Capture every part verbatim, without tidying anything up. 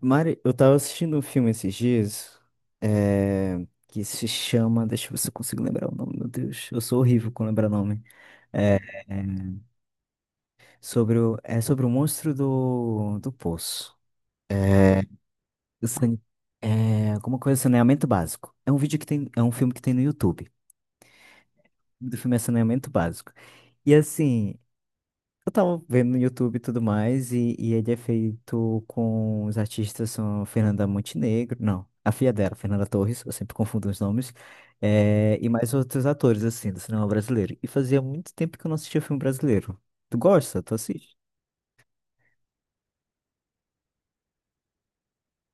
Mari, eu tava assistindo um filme esses dias, é, que se chama. Deixa eu ver se eu consigo lembrar o nome, meu Deus. Eu sou horrível com lembrar nome. É, é sobre o, é sobre o monstro do, do poço. É, o sane- é, alguma coisa, saneamento básico. É um vídeo que tem. É um filme que tem no YouTube. O nome do filme é Saneamento Básico. E assim, eu tava vendo no YouTube e tudo mais, e, e ele é feito com os artistas são Fernanda Montenegro, não, a filha dela, Fernanda Torres, eu sempre confundo os nomes, eh, e mais outros atores, assim, do cinema brasileiro. E fazia muito tempo que eu não assistia filme brasileiro. Tu gosta? Tu assiste?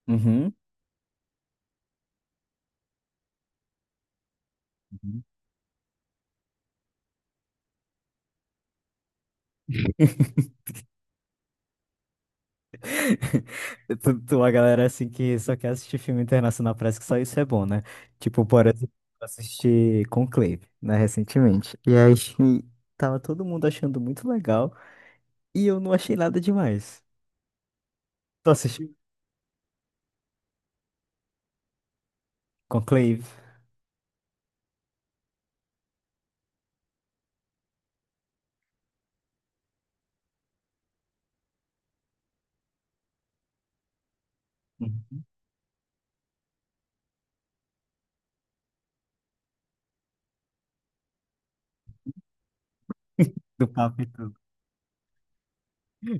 Uhum. Uhum. Tu, tu, a galera, assim, que só quer assistir filme internacional, parece que só isso é bom, né? Tipo, por exemplo, eu assisti Conclave, né, recentemente. E aí, tava todo mundo achando muito legal, e eu não achei nada demais. Tu assistiu Conclave? Uhum. Do Papa e tudo.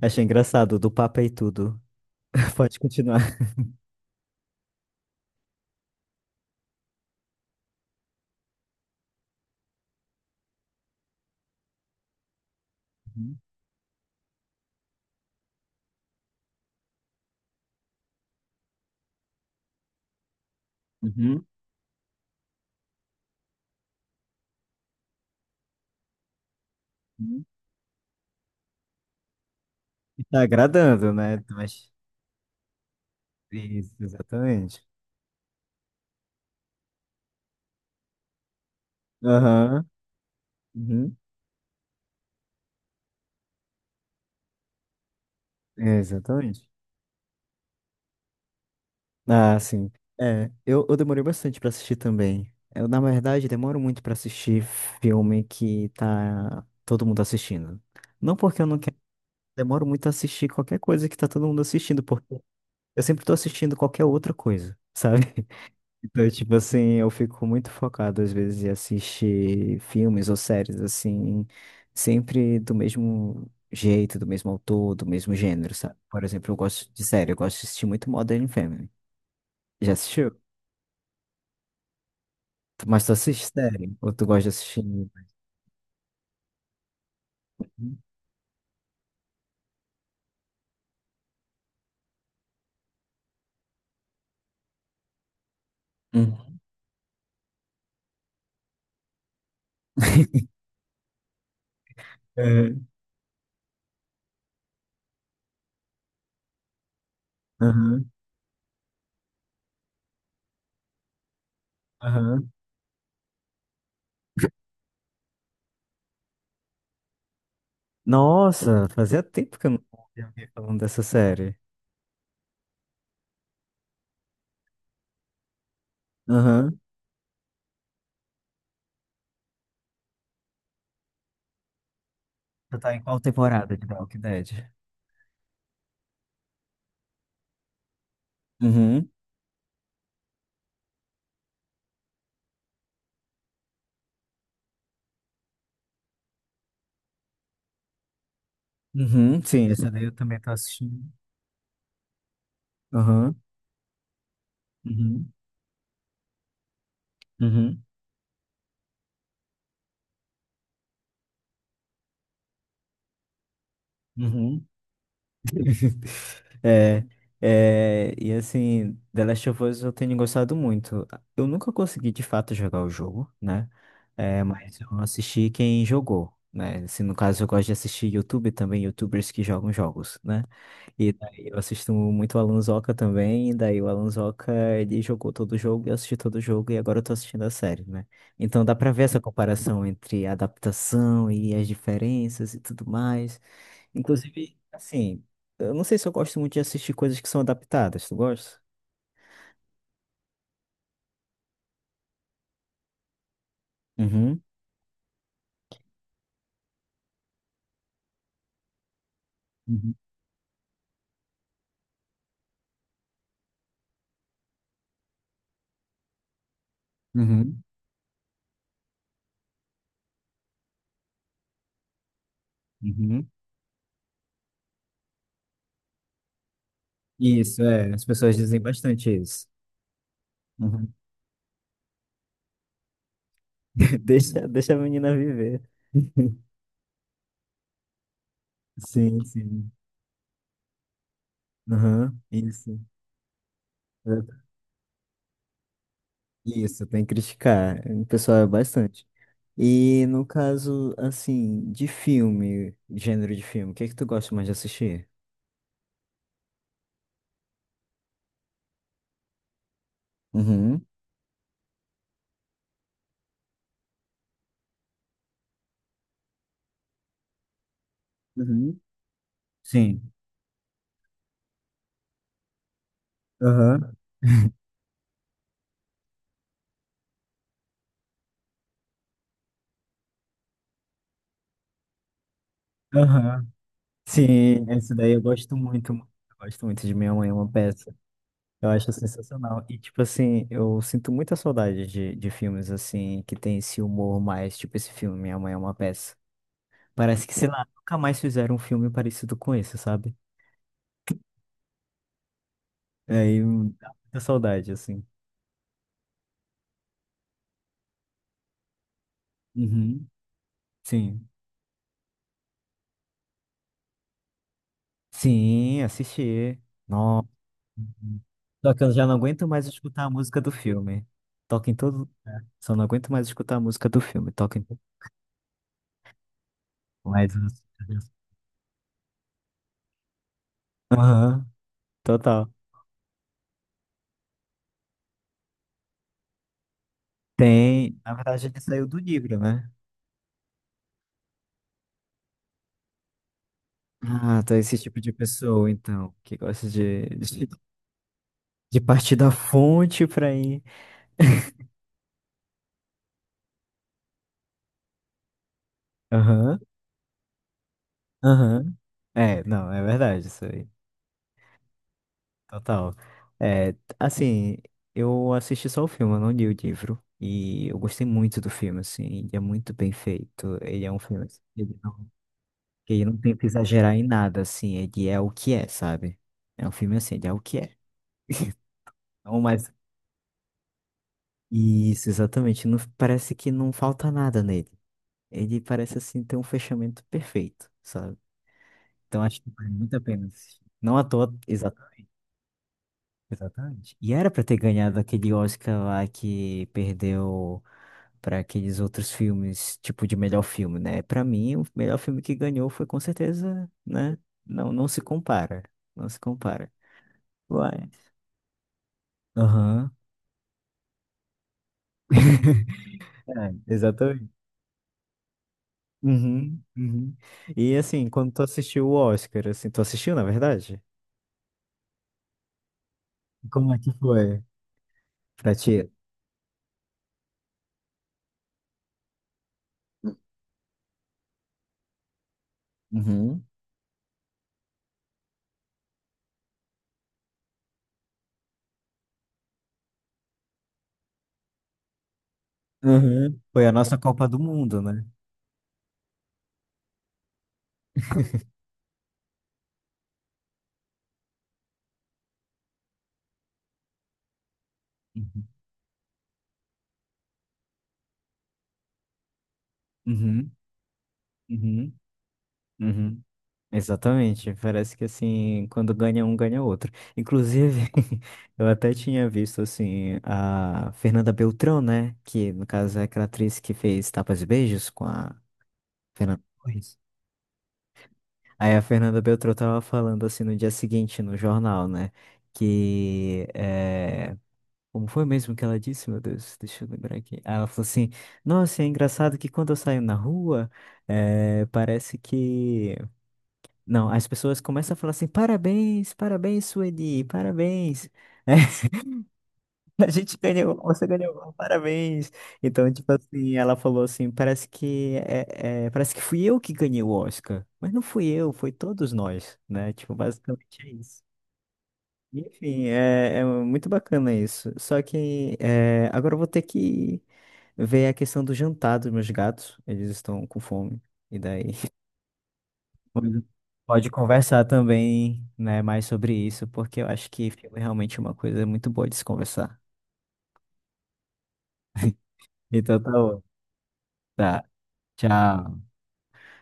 Achei engraçado, do Papa e tudo. Pode continuar. Uhum. Uhum. Uhum. E tá agradando, né? Mas... isso, exatamente. Aham. Uhum. É, exatamente. Ah, sim. É, eu, eu demorei bastante pra assistir também. Eu, na verdade, demoro muito pra assistir filme que tá todo mundo assistindo. Não porque eu não quero, demoro muito a assistir qualquer coisa que tá todo mundo assistindo, porque eu sempre tô assistindo qualquer outra coisa, sabe? Então, tipo assim, eu fico muito focado às vezes em assistir filmes ou séries, assim, sempre do mesmo jeito, do mesmo autor, do mesmo gênero, sabe? Por exemplo, eu gosto de série, eu gosto de assistir muito Modern Family. Já assistiu? Tu- Mas tu assiste série? Ou tu gosta de assistir? Hum. É. Aham, aham. Nossa, fazia tempo que eu não ouvia alguém falando dessa série. Aham. Tu tá em qual temporada de The Walking Dead? Uhum. Uhum, sim, essa daí eu também tô assistindo. Aham. Uhum. Uhum. Uhum. É, é, e assim, The Last of Us eu tenho gostado muito. Eu nunca consegui de fato jogar o jogo, né? É, mas eu assisti quem jogou, né? Assim, no caso, eu gosto de assistir YouTube também, YouTubers que jogam jogos, né? E daí eu assisto muito o Alan Zoca também, e daí o Alan Zoca, ele jogou todo o jogo, eu assisti todo o jogo, e agora eu tô assistindo a série, né? Então dá pra ver essa comparação entre a adaptação e as diferenças e tudo mais. Inclusive, assim, eu não sei se eu gosto muito de assistir coisas que são adaptadas. Tu gosta? Uhum. Uhum. Uhum. Uhum. Isso, é. As pessoas dizem bastante isso. Uhum. Deixa, deixa a menina viver. Sim, sim. Aham, isso. É, isso, tem que criticar. O pessoal é bastante. E no caso, assim, de filme, gênero de filme, o que é que tu gosta mais de assistir? Uhum. Uhum. Sim. Aham. Aham. Sim, essa daí eu gosto muito, mano. Eu gosto muito de Minha Mãe é uma Peça. Eu acho sensacional. E, tipo assim, eu sinto muita saudade de, de filmes, assim, que tem esse humor mais, tipo esse filme, Minha Mãe é uma Peça. Parece que, sei lá, nunca mais fizeram um filme parecido com esse, sabe? Aí hum, dá muita saudade, assim. Uhum. Sim. Sim, assisti. Nossa. Uhum. Só que eu já não aguento mais escutar a música do filme. Toca em todo. Só não aguento mais escutar a música do filme. Toca em todo. Mas aham, total. Tem, na verdade, ele saiu do livro, né? Ah, tá esse tipo de pessoa, então, que gosta de, de, de partir da fonte pra ir. Aham, aham. É, não, é verdade isso aí. Total. É, assim, eu assisti só o filme, eu não li o livro. E eu gostei muito do filme, assim, ele é muito bem feito. Ele é um filme assim, que ele não, que ele não tenta exagerar em nada, assim, ele é o que é, sabe? É um filme assim, ele é o que é. Não mais Isso, exatamente. Não, parece que não falta nada nele. Ele parece assim ter um fechamento perfeito, sabe? Então acho que vale muito a pena assistir. Não à toa, exa- exatamente. E era pra ter ganhado aquele Oscar lá que perdeu pra aqueles outros filmes, tipo de melhor filme, né? Pra mim, o melhor filme que ganhou foi com certeza, né? Não, não se compara. Não se compara. Uai. Aham. É, exatamente. Uhum, uhum. E assim, quando tu assistiu o Oscar, assim, tu assistiu, na verdade? Como é que foi pra ti? Uhum. Uhum. Foi a nossa Copa do Mundo, né? Uhum. Uhum. Uhum. Uhum. Exatamente. Parece que assim, quando ganha um, ganha outro. Inclusive, eu até tinha visto assim a Fernanda Beltrão, né? Que no caso é aquela atriz que fez Tapas e Beijos com a Fernanda Torres. Aí a Fernanda Beltrão tava falando assim no dia seguinte no jornal, né? Que é... como foi mesmo que ela disse, meu Deus, deixa eu lembrar aqui. Ah, ela falou assim: "Nossa, é engraçado que quando eu saio na rua, é, parece que não, as pessoas começam a falar assim: Parabéns, parabéns, Sueli, parabéns." A gente ganhou, você ganhou, parabéns. Então, tipo assim, ela falou assim, parece que é, é, parece que fui eu que ganhei o Oscar, mas não fui eu, foi todos nós, né? Tipo, basicamente é isso. Enfim, é, é muito bacana isso. Só que é, agora eu vou ter que ver a questão do jantar dos meus gatos. Eles estão com fome. E daí pode pode conversar também, né, mais sobre isso, porque eu acho que filme é realmente uma coisa muito boa de se conversar. Então tá bom. Tá. Tchau.